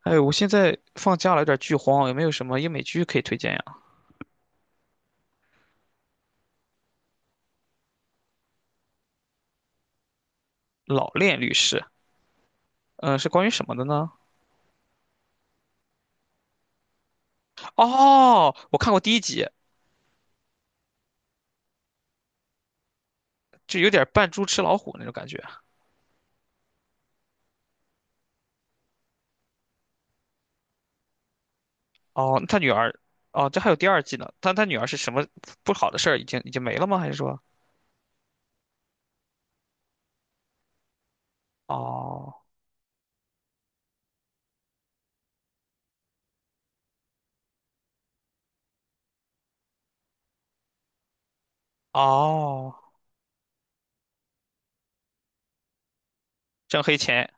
哎，我现在放假了，有点剧荒，有没有什么英美剧可以推荐呀？《老练律师》，嗯、是关于什么的呢？哦，我看过第一集，就有点扮猪吃老虎那种感觉。哦，他女儿，哦，这还有第二季呢。但他女儿是什么不好的事儿已经没了吗？还是说，哦哦，挣黑钱，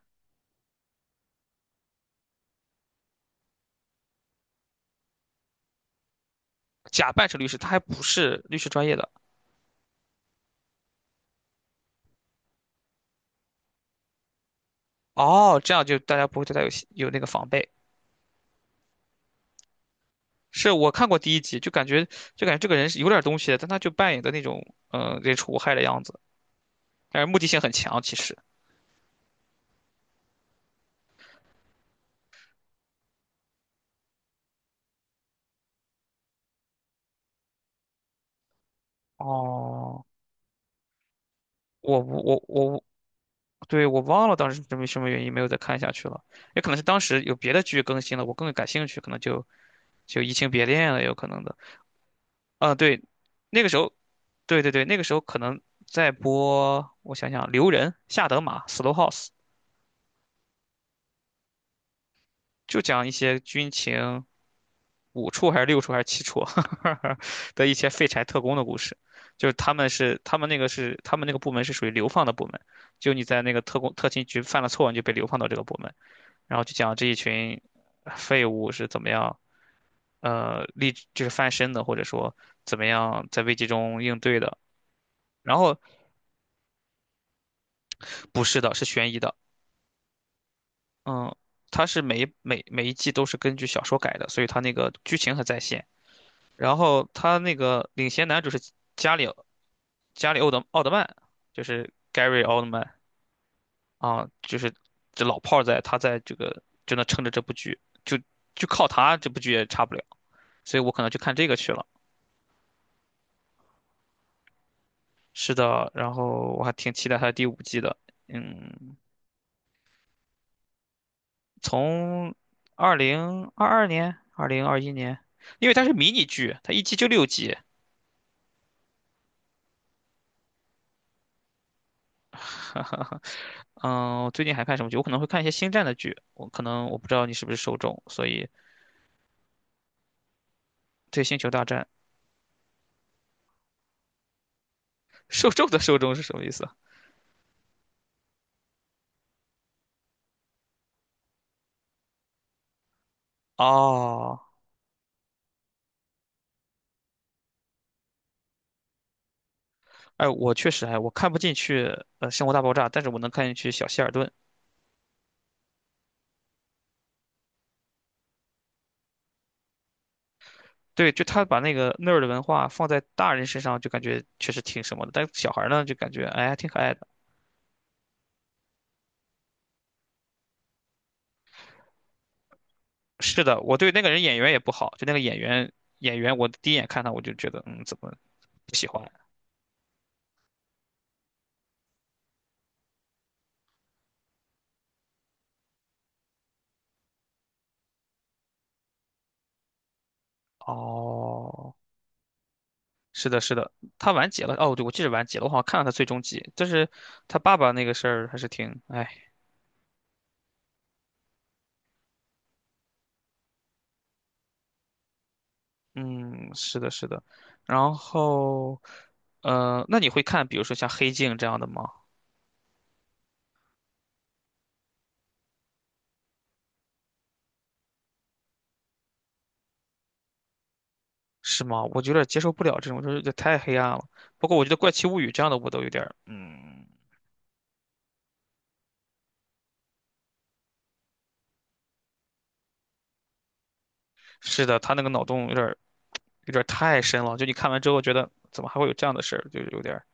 假扮成律师，他还不是律师专业的。哦，这样就大家不会对他有那个防备。是我看过第一集，就感觉这个人是有点东西的，但他就扮演的那种，人畜无害的样子。但是目的性很强，其实。哦，我对，我忘了当时是因为什么原因没有再看下去了，也可能是当时有别的剧更新了，我更感兴趣，可能就移情别恋了，也有可能的。啊，对，那个时候，对对对，那个时候可能在播，我想想，《留人》《下德玛》《Slow House》，就讲一些军情，五处还是六处还是七处 的一些废柴特工的故事，就是他们那个部门是属于流放的部门，就你在那个特勤局犯了错，你就被流放到这个部门，然后就讲这一群废物是怎么样，就是翻身的，或者说怎么样在危机中应对的。然后不是的，是悬疑的，嗯，它是每一季都是根据小说改的，所以它那个剧情很在线。然后他那个领衔男主是加里加里奥德曼，就是 Gary 奥特曼啊，就是这老炮儿在，他在这个就能撑着这部剧，就就靠他这部剧也差不了，所以我可能就看这个去了。是的，然后我还挺期待他的第五季的，嗯，从2022年、2021年，因为它是迷你剧，它一季就6集。嗯，我最近还看什么剧？我可能会看一些星战的剧，我可能我不知道你是不是受众，所以对，《星球大战》受众的受众是什么意思？哦，哎，我确实哎，我看不进去《生活大爆炸》，但是我能看进去小希尔顿。对，就他把那个那儿的文化放在大人身上，就感觉确实挺什么的，但是小孩儿呢，就感觉哎还挺可爱的。是的，我对那个人演员也不好，就那个演员，我第一眼看他我就觉得怎么不喜欢？哦，是的，是的，他完结了。哦，对，我记得完结了，我好像看了他最终集，但是他爸爸那个事儿还是挺哎。嗯，是的，是的。然后，那你会看，比如说像《黑镜》这样的吗？是吗？我有点接受不了这种，就是这太黑暗了。不过我觉得《怪奇物语》这样的我都有点儿嗯，是的，他那个脑洞有点儿太深了。就你看完之后觉得，怎么还会有这样的事儿？就是有点儿。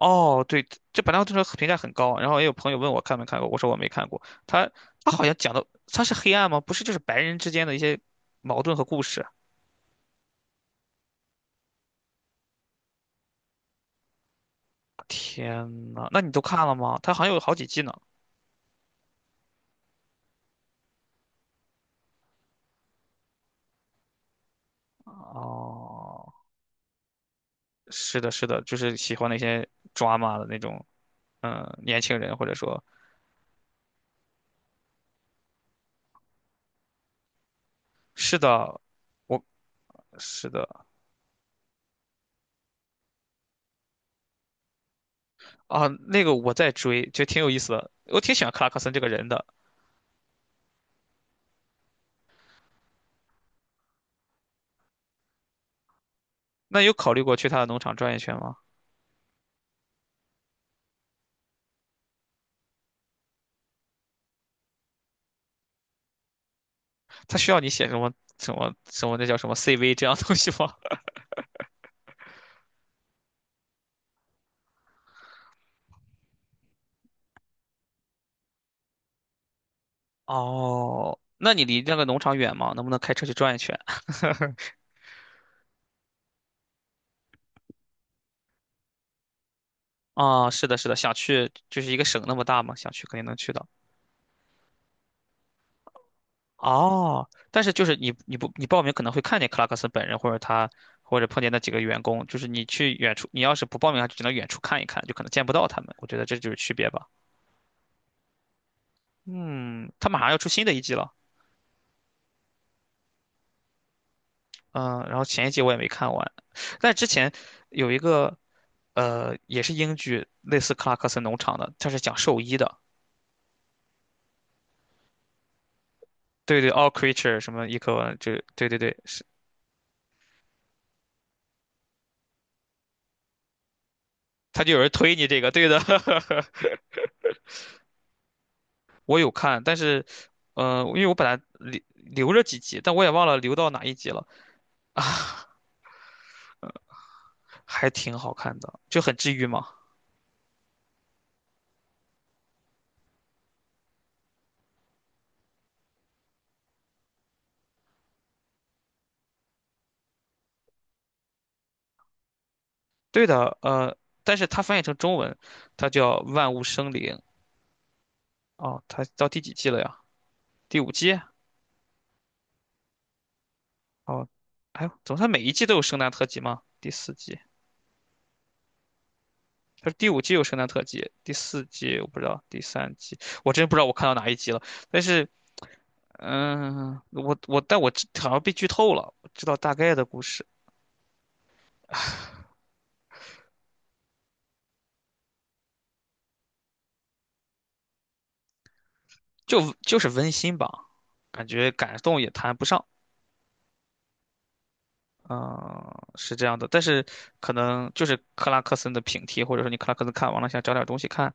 哦，对，这本来我这个评价很高，然后也有朋友问我看没看过，我说我没看过。他好像讲的他是黑暗吗？不是，就是白人之间的一些矛盾和故事。天呐，那你都看了吗？他好像有好几季呢。哦，是的，是的，就是喜欢那些抓马的那种，嗯，年轻人或者说，是的，我是的啊，那个我在追，就挺有意思的，我挺喜欢克拉克森这个人的。那有考虑过去他的农场转一圈吗？他需要你写什么那叫什么 CV 这样的东西吗？哦，那你离那个农场远吗？能不能开车去转一圈？啊，是的，是的，想去就是一个省那么大嘛，想去肯定能去到。哦，但是就是你你不你报名可能会看见克拉克森本人，或者他或者碰见那几个员工，就是你去远处，你要是不报名，就只能远处看一看，就可能见不到他们。我觉得这就是区别吧。嗯，他马上要出新的一季了，嗯，然后前一季我也没看完，但之前有一个也是英剧，类似克拉克森农场的，它是讲兽医的，对对，All Creature 什么一科文就对对对，是他就有人推你这个，对的，我有看，但是，因为我本来留着几集，但我也忘了留到哪一集了，还挺好看的，就很治愈嘛。对的，但是它翻译成中文，它叫《万物生灵》哦，它到第几季了呀？第五季？哦，哎呦，怎么它每一季都有圣诞特辑吗？第四季，它是第五季有圣诞特辑，第四季我不知道，第三季我真不知道我看到哪一集了。但是，我但我知好像被剧透了，我知道大概的故事。就是温馨吧，感觉感动也谈不上。嗯，是这样的，但是可能就是克拉克森的平替，或者说你克拉克森看完了想找点东西看，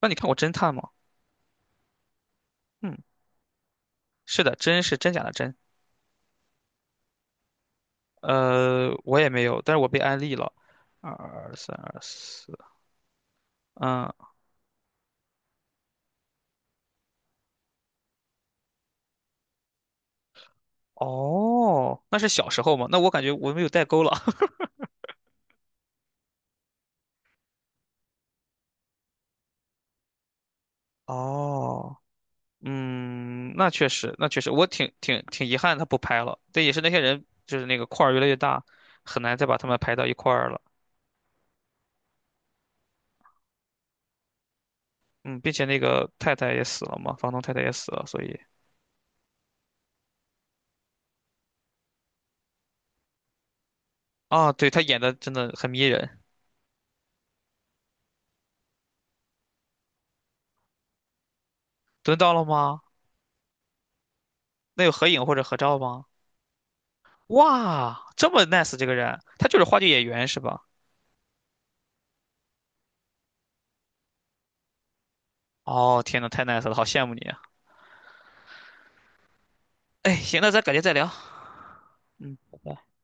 那你看过《侦探》吗？嗯，是的，真是真假的真。我也没有，但是我被安利了。二三二四，嗯，哦，那是小时候嘛？那我感觉我没有代沟了。哦。嗯，那确实，那确实，我挺遗憾他不拍了。但也是那些人，就是那个块儿越来越大，很难再把他们排到一块儿了。嗯，并且那个太太也死了嘛，房东太太也死了，所以啊，对他演的真的很迷人。蹲到了吗？那有合影或者合照吗？哇，这么 nice 这个人，他就是话剧演员是吧？哦，天呐，太 nice 了，好羡慕你啊！哎，行，那咱改天再聊。嗯。拜拜